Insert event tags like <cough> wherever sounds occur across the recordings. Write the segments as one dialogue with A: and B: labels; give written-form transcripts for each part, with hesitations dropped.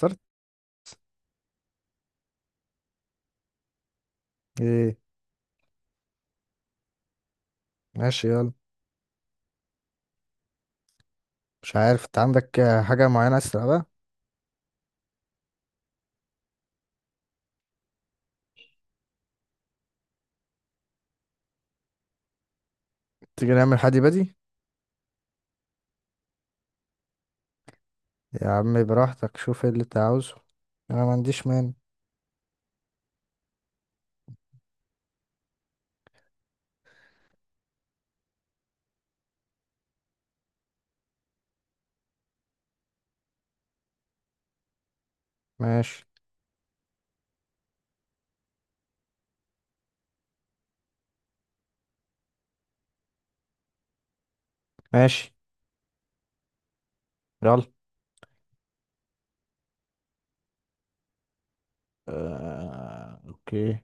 A: صرت ايه؟ ماشي، يلا. مش عارف، انت عندك حاجة معينة عايز تلعبها؟ تيجي نعمل حدي بدي. يا عم براحتك، شوف ايه اللي انت عاوزه. انا ما عنديش مانع. ماشي. ماشي، يلا. اوكي.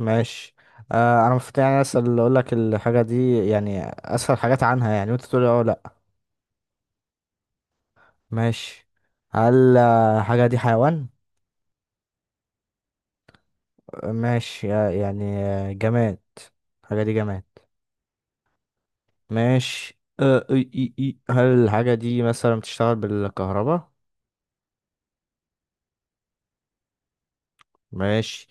A: ماشي. انا المفروض، يعني اسأل، اقول لك الحاجة دي، يعني اسأل حاجات عنها، يعني وانت تقول لي اه لا. ماشي. هل الحاجة دي حيوان؟ ماشي. يعني جماد؟ الحاجة دي جماد. ماشي. أه إي إي إي. هل الحاجة دي مثلا بتشتغل بالكهرباء؟ ماشي.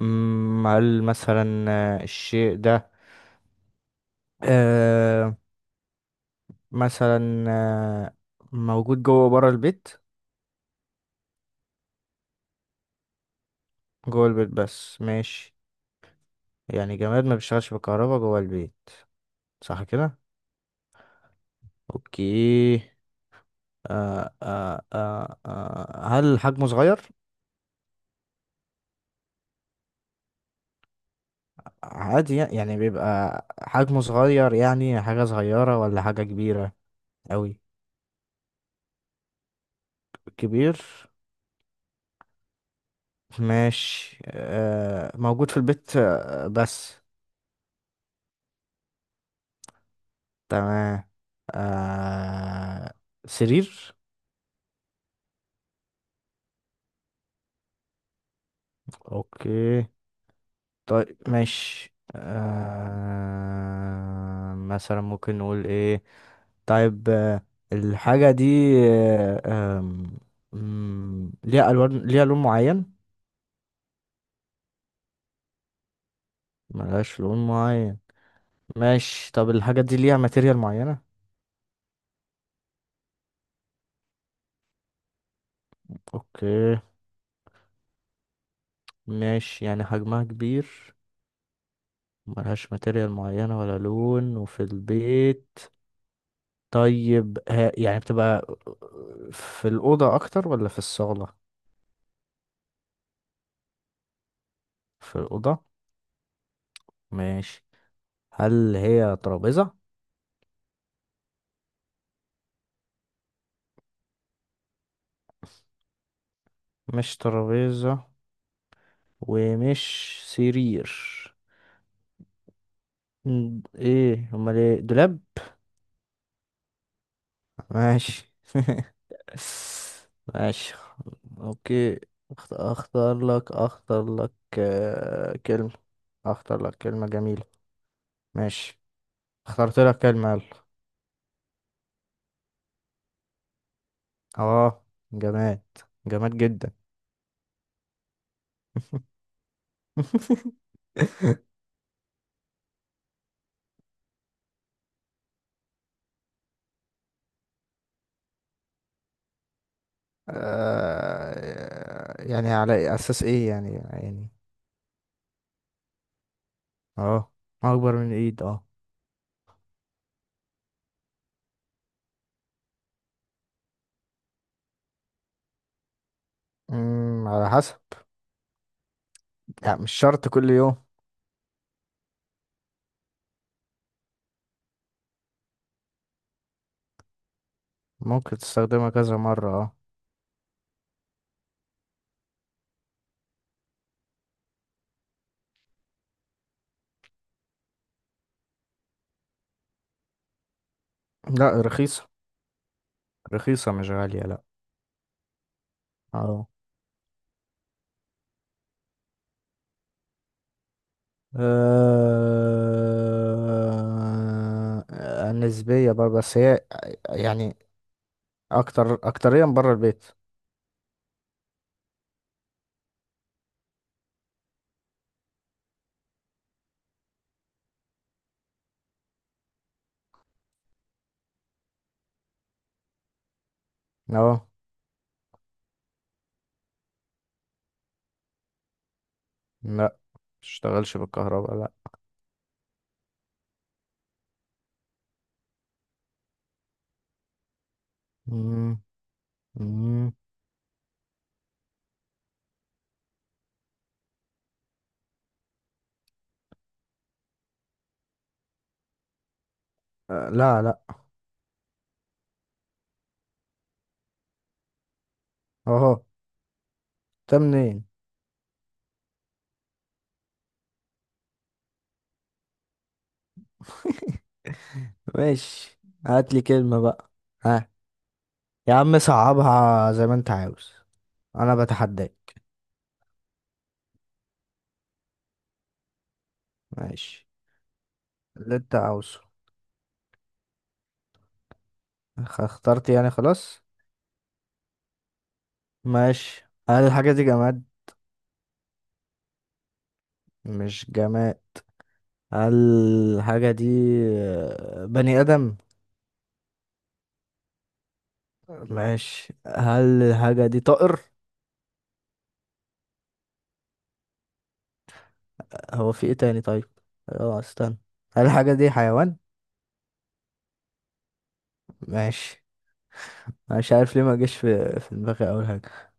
A: هل مثلا الشيء ده، أه مثلا موجود جوه وبره البيت؟ جوه البيت بس. ماشي. يعني جماد ما بيشتغلش بالكهرباء جوه البيت. صح كده؟ اوكي. أه أه أه أه هل حجمه صغير؟ عادي، يعني بيبقى حجمه صغير؟ يعني حاجة صغيرة ولا حاجة كبيرة؟ أوي؟ كبير. ماشي. موجود في البيت بس. تمام. آه سرير؟ اوكي. طيب ماشي، مثلا ممكن نقول ايه. طيب الحاجة دي آه آم، ليها ألوان، ليها لون معين؟ ملهاش لون معين. ماشي. طب الحاجة دي ليها ماتيريال معينة؟ اوكي. ماشي، يعني حجمها كبير، ملهاش ماتيريال معينة ولا لون، وفي البيت. طيب، ها يعني بتبقى في الأوضة أكتر ولا في الصالة؟ في الأوضة. ماشي. هل هي ترابيزة؟ مش ترابيزة، ومش سرير. ايه امال؟ ايه، دولاب؟ ماشي. <laughs> ماشي. اوكي. اختار لك كلمة. اختار لك كلمة جميلة. ماشي. اخترت لك كلمة، يلا. اه. جماد. جماد جدا. <laughs> يعني على اساس ايه؟ يعني. اه، اكبر من الايد، اه. على حسب، يعني مش شرط كل يوم. ممكن تستخدمها كذا مرة، اه. لا، رخيصة. رخيصة، مش غالية، لا. اه. نسبية بقى، بس هي يعني اكتر، اكتريا برا البيت. اه، لا، متشتغلش بالكهرباء، لا. مم. مم. لا، لا. اهو. ده منين؟ <laughs> ماشي. هات لي كلمة بقى. ها. يا عم صعبها زي ما انت عاوز. انا بتحداك. ماشي اللي انت عاوزه. اخترت يعني، خلاص. ماشي. هل الحاجة دي جماد؟ مش جماد. هل الحاجة دي بني آدم؟ ماشي. هل الحاجة دي طائر؟ هو في ايه تاني؟ طيب، اه، استنى. هل الحاجة دي حيوان؟ ماشي. مش عارف ليه ما جاش في دماغي اول حاجه.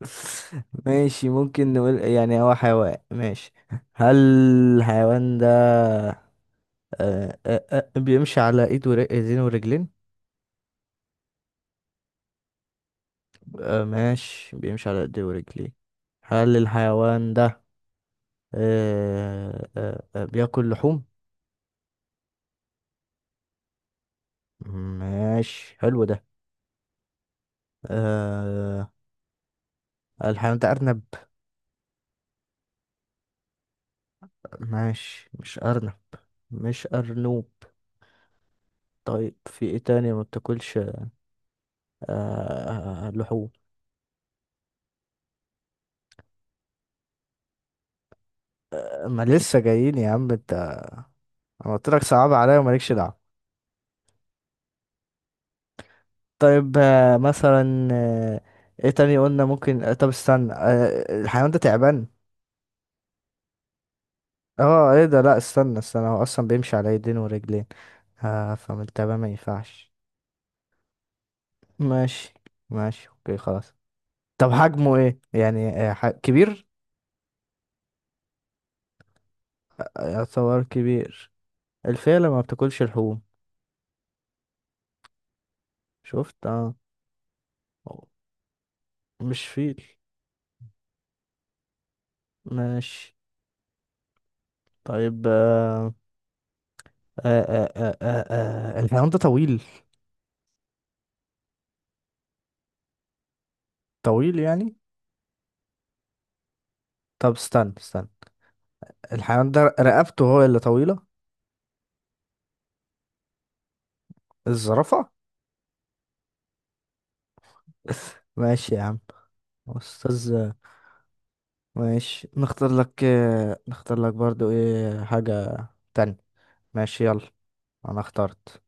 A: <laughs> ماشي، ممكن نقول يعني هو حيوان. ماشي. هل الحيوان ده بيمشي على ايدين ورجلين؟ ماشي، بيمشي على ايدين ورجلين. هل الحيوان ده بياكل لحوم؟ ماشي، حلو ده. آه، الحيوان ده ارنب؟ ماشي، مش ارنب. مش ارنوب. طيب، في ايه تاني ما بتاكلش لحوم؟ ما لسه جايين يا عم انت. انا قلت لك صعب عليا، ومالكش دعوه. طيب، مثلا، ايه تاني قلنا ممكن؟ طب استنى، الحيوان ده تعبان؟ اه ايه ده، لا استنى استنى، هو اصلا بيمشي على ايدين ورجلين، فمن التعبان ما ينفعش. ماشي، ماشي، اوكي، خلاص. طب حجمه ايه، يعني كبير؟ يعتبر كبير. الفيلة ما بتاكلش لحوم. شفت، اه. مش فيل. ماشي. طيب الحيوان ده طويل؟ طويل يعني؟ طب استنى استنى، الحيوان ده رقبته هو اللي طويلة؟ الزرافة. <laughs> ماشي يا عم. أستاذ. ماشي، نختار لك برضو إيه حاجة تانية. ماشي، يلا. أنا اخترت.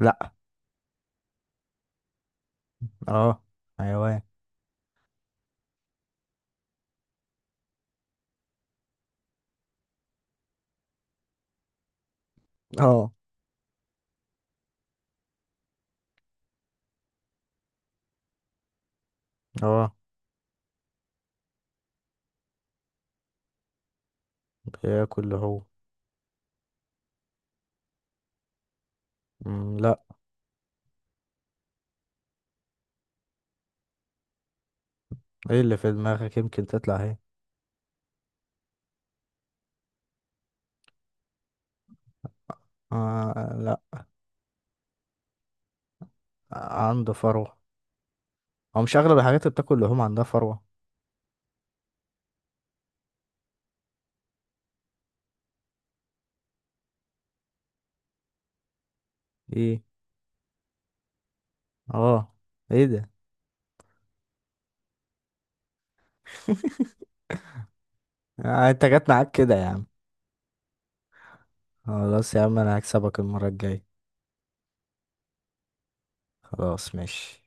A: لأ. اه، حيوان. اه، اه بياكل هو. لأ. ايه اللي في دماغك؟ يمكن تطلع ايه. لأ. عنده فروة. هو مش أغلب الحاجات اللي بتاكل لحوم عندها فروة؟ ايه. اه، ايه ده. انت جت معاك كده يا عم. خلاص يا عم، انا هكسبك المرة الجاية. خلاص، ماشي.